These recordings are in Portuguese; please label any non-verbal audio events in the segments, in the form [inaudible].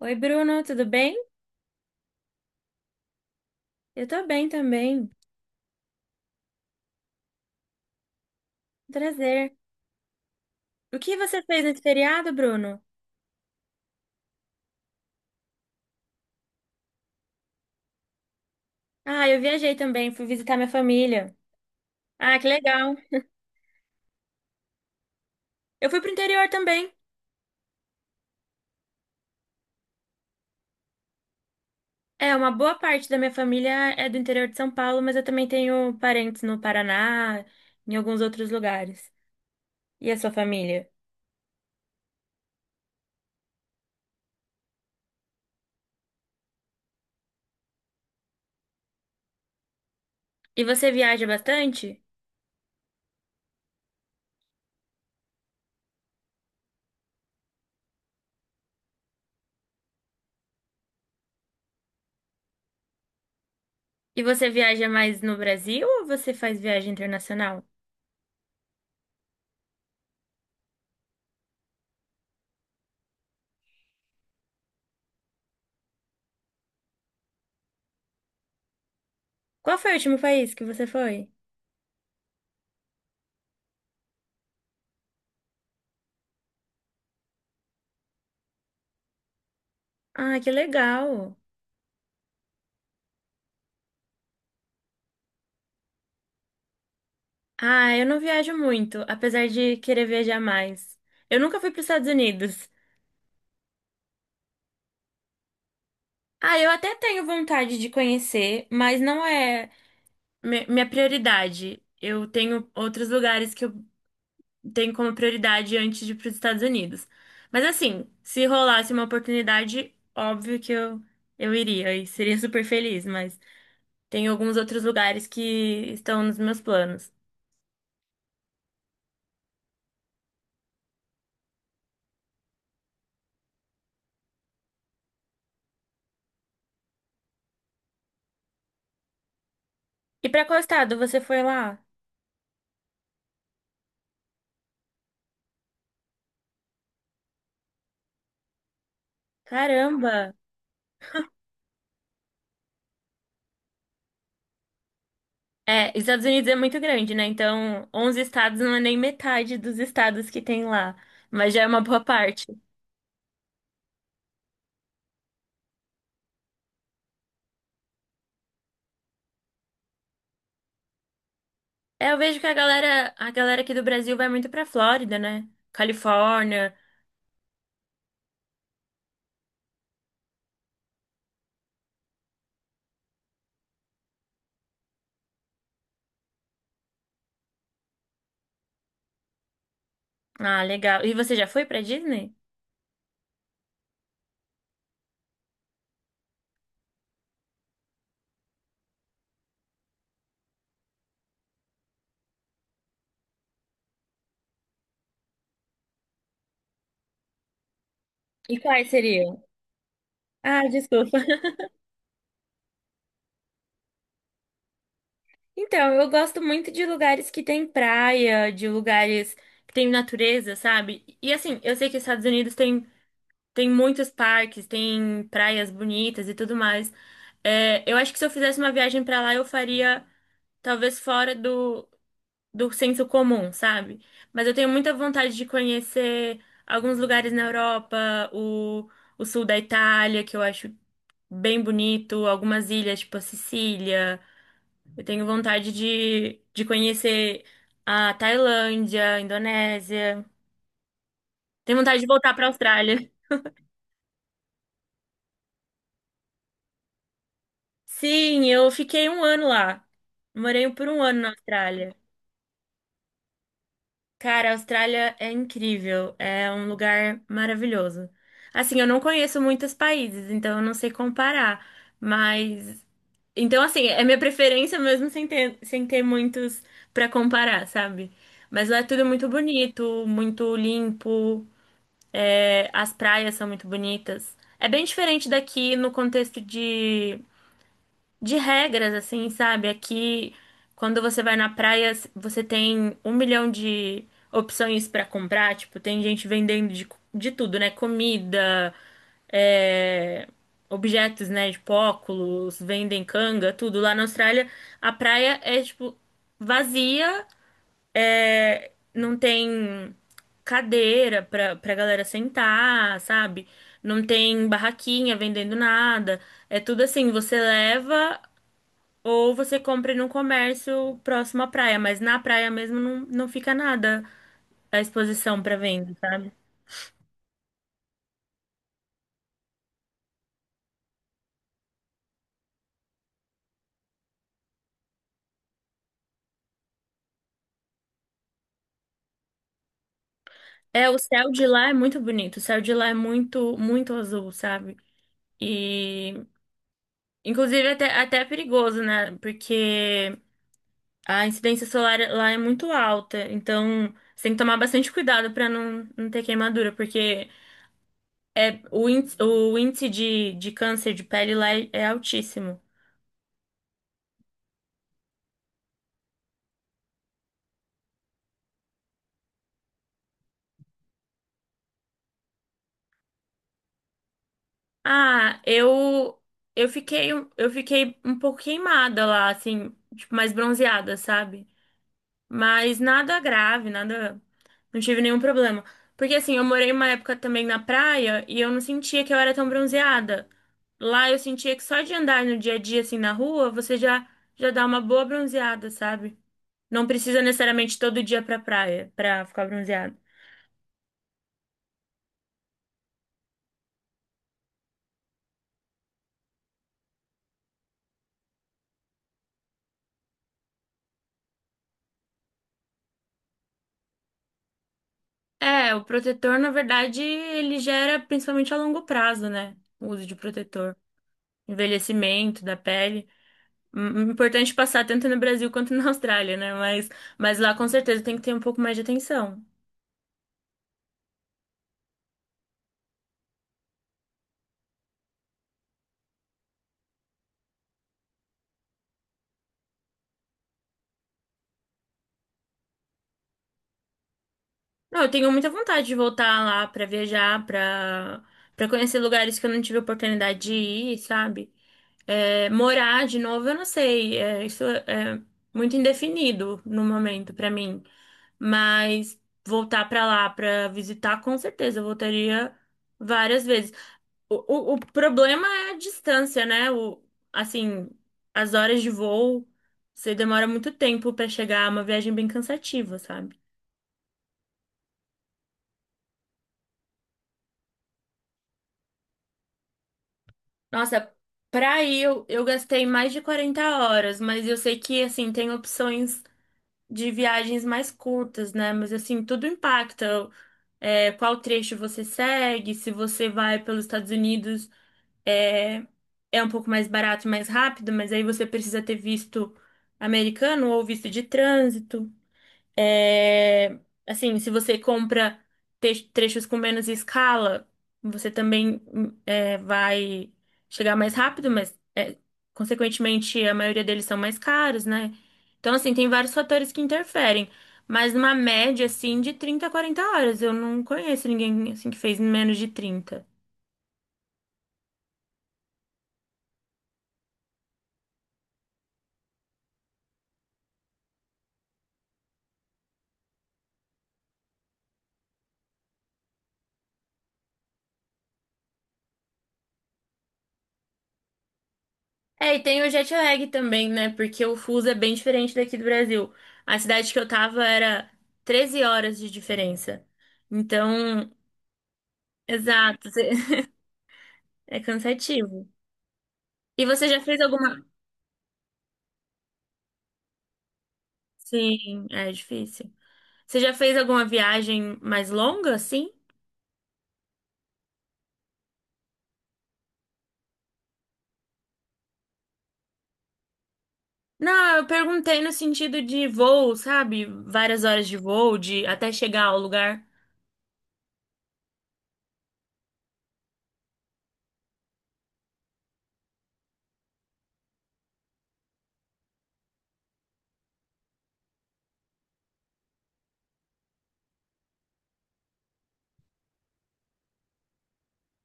Oi, Bruno, tudo bem? Eu tô bem também. Prazer. O que você fez nesse feriado, Bruno? Ah, eu viajei também, fui visitar minha família. Ah, que legal. Eu fui pro interior também. É, uma boa parte da minha família é do interior de São Paulo, mas eu também tenho parentes no Paraná, em alguns outros lugares. E a sua família? E você viaja bastante? E você viaja mais no Brasil ou você faz viagem internacional? Qual foi o último país que você foi? Ah, que legal. Ah, eu não viajo muito, apesar de querer viajar mais. Eu nunca fui para os Estados Unidos. Ah, eu até tenho vontade de conhecer, mas não é minha prioridade. Eu tenho outros lugares que eu tenho como prioridade antes de ir para os Estados Unidos. Mas assim, se rolasse uma oportunidade, óbvio que eu iria e seria [laughs] super feliz, mas tem alguns outros lugares que estão nos meus planos. E para qual estado você foi lá? Caramba! É, Estados Unidos é muito grande, né? Então, 11 estados não é nem metade dos estados que tem lá, mas já é uma boa parte. É, eu vejo que a galera aqui do Brasil vai muito pra Flórida, né? Califórnia. Ah, legal. E você já foi pra Disney? E quais seriam? Ah, desculpa. [laughs] Então, eu gosto muito de lugares que tem praia, de lugares que tem natureza, sabe? E assim, eu sei que os Estados Unidos tem muitos parques, tem praias bonitas e tudo mais. É, eu acho que se eu fizesse uma viagem pra lá, eu faria talvez fora do senso comum, sabe? Mas eu tenho muita vontade de conhecer alguns lugares na Europa, o, o sul da Itália, que eu acho bem bonito, algumas ilhas, tipo a Sicília. Eu tenho vontade de conhecer a Tailândia, a Indonésia. Tenho vontade de voltar pra Austrália. Sim, eu fiquei um ano lá. Morei por um ano na Austrália. Cara, a Austrália é incrível, é um lugar maravilhoso. Assim, eu não conheço muitos países, então eu não sei comparar, mas então assim, é minha preferência mesmo sem ter muitos pra comparar, sabe? Mas lá é tudo muito bonito, muito limpo, é, as praias são muito bonitas. É bem diferente daqui no contexto de regras, assim, sabe? Aqui, quando você vai na praia, você tem um milhão de opções pra comprar. Tipo, tem gente vendendo de tudo, né? Comida, é, objetos, né? Tipo, óculos, vendem canga, tudo. Lá na Austrália, a praia é, tipo, vazia, é, não tem cadeira pra galera sentar, sabe? Não tem barraquinha vendendo nada. É tudo assim, você leva. Ou você compra num comércio próximo à praia, mas na praia mesmo não, não fica nada à exposição para venda, sabe? É, o céu de lá é muito bonito, o céu de lá é muito, muito azul, sabe? E, inclusive, até é perigoso, né? Porque a incidência solar lá é muito alta, então você tem que tomar bastante cuidado para não, não ter queimadura, porque é, o índice de câncer de pele lá é altíssimo. Ah, eu fiquei um pouco queimada lá, assim, tipo, mais bronzeada, sabe? Mas nada grave, nada, não tive nenhum problema. Porque assim, eu morei uma época também na praia e eu não sentia que eu era tão bronzeada. Lá eu sentia que só de andar no dia a dia assim na rua, você já dá uma boa bronzeada, sabe? Não precisa necessariamente todo dia pra praia pra ficar bronzeada. É, o protetor, na verdade, ele gera principalmente a longo prazo, né? O uso de protetor, envelhecimento da pele. Importante passar tanto no Brasil quanto na [laughs] Austrália, né? Mas lá com certeza tem que ter um pouco mais de atenção. Não, eu tenho muita vontade de voltar lá pra viajar, pra para conhecer lugares que eu não tive oportunidade de ir, sabe? É, morar de novo, eu não sei. É, isso é muito indefinido no momento pra mim. Mas voltar pra lá pra visitar, com certeza, eu voltaria várias vezes. O, o problema é a distância, né? Assim, as horas de voo, você demora muito tempo pra chegar, é uma viagem bem cansativa, sabe? Nossa, pra ir eu gastei mais de 40 horas, mas eu sei que, assim, tem opções de viagens mais curtas, né? Mas, assim, tudo impacta. É, qual trecho você segue, se você vai pelos Estados Unidos, é, é, um pouco mais barato, e mais rápido, mas aí você precisa ter visto americano ou visto de trânsito. É, assim, se você compra trechos com menos escala, você também é, vai chegar mais rápido, mas é, consequentemente a maioria deles são mais caros, né? Então, assim, tem vários fatores que interferem, mas numa média, assim, de 30 a 40 horas. Eu não conheço ninguém, assim, que fez em menos de 30. É, e tem o jet lag também, né? Porque o fuso é bem diferente daqui do Brasil. A cidade que eu tava era 13 horas de diferença. Então, exato, [laughs] é cansativo. E você já fez alguma? Sim, é difícil. Você já fez alguma viagem mais longa, assim? Não, eu perguntei no sentido de voo, sabe? Várias horas de voo, de até chegar ao lugar.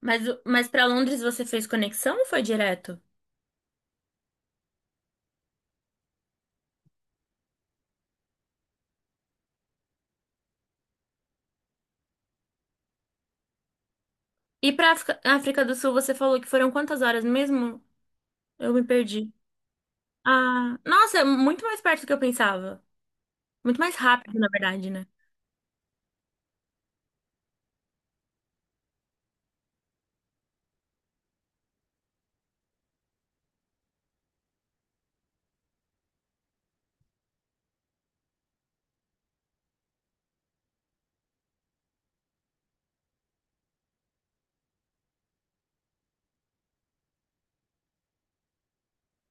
Mas para Londres você fez conexão ou foi direto? E para África do Sul você falou que foram quantas horas mesmo? Eu me perdi. Ah, nossa, é muito mais perto do que eu pensava. Muito mais rápido, na verdade, né?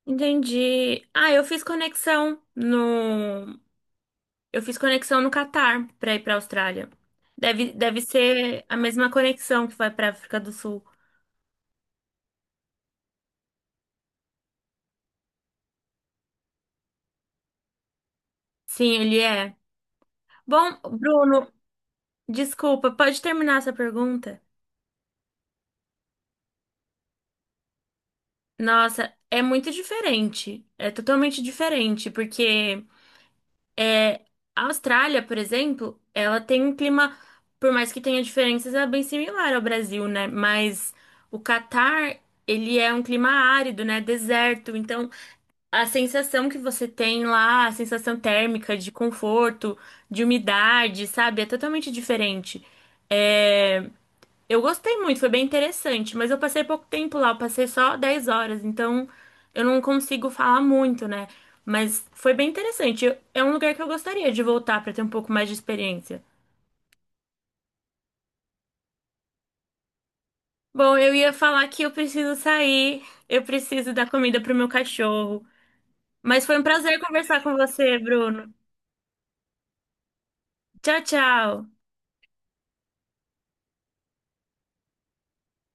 Entendi. Eu fiz conexão no Catar pra ir pra Austrália. Deve ser a mesma conexão que vai pra África do Sul. Sim, ele é. Bom, Bruno, desculpa, pode terminar essa pergunta? Nossa, é muito diferente. É totalmente diferente, porque a Austrália, por exemplo, ela tem um clima, por mais que tenha diferenças, é bem similar ao Brasil, né? Mas o Catar, ele é um clima árido, né? Deserto. Então, a sensação que você tem lá, a sensação térmica de conforto, de umidade, sabe? É totalmente diferente. É, eu gostei muito, foi bem interessante, mas eu passei pouco tempo lá, eu passei só 10 horas, então eu não consigo falar muito, né? Mas foi bem interessante. É um lugar que eu gostaria de voltar para ter um pouco mais de experiência. Bom, eu ia falar que eu preciso sair, eu preciso dar comida pro meu cachorro. Mas foi um prazer conversar com você, Bruno. Tchau, tchau.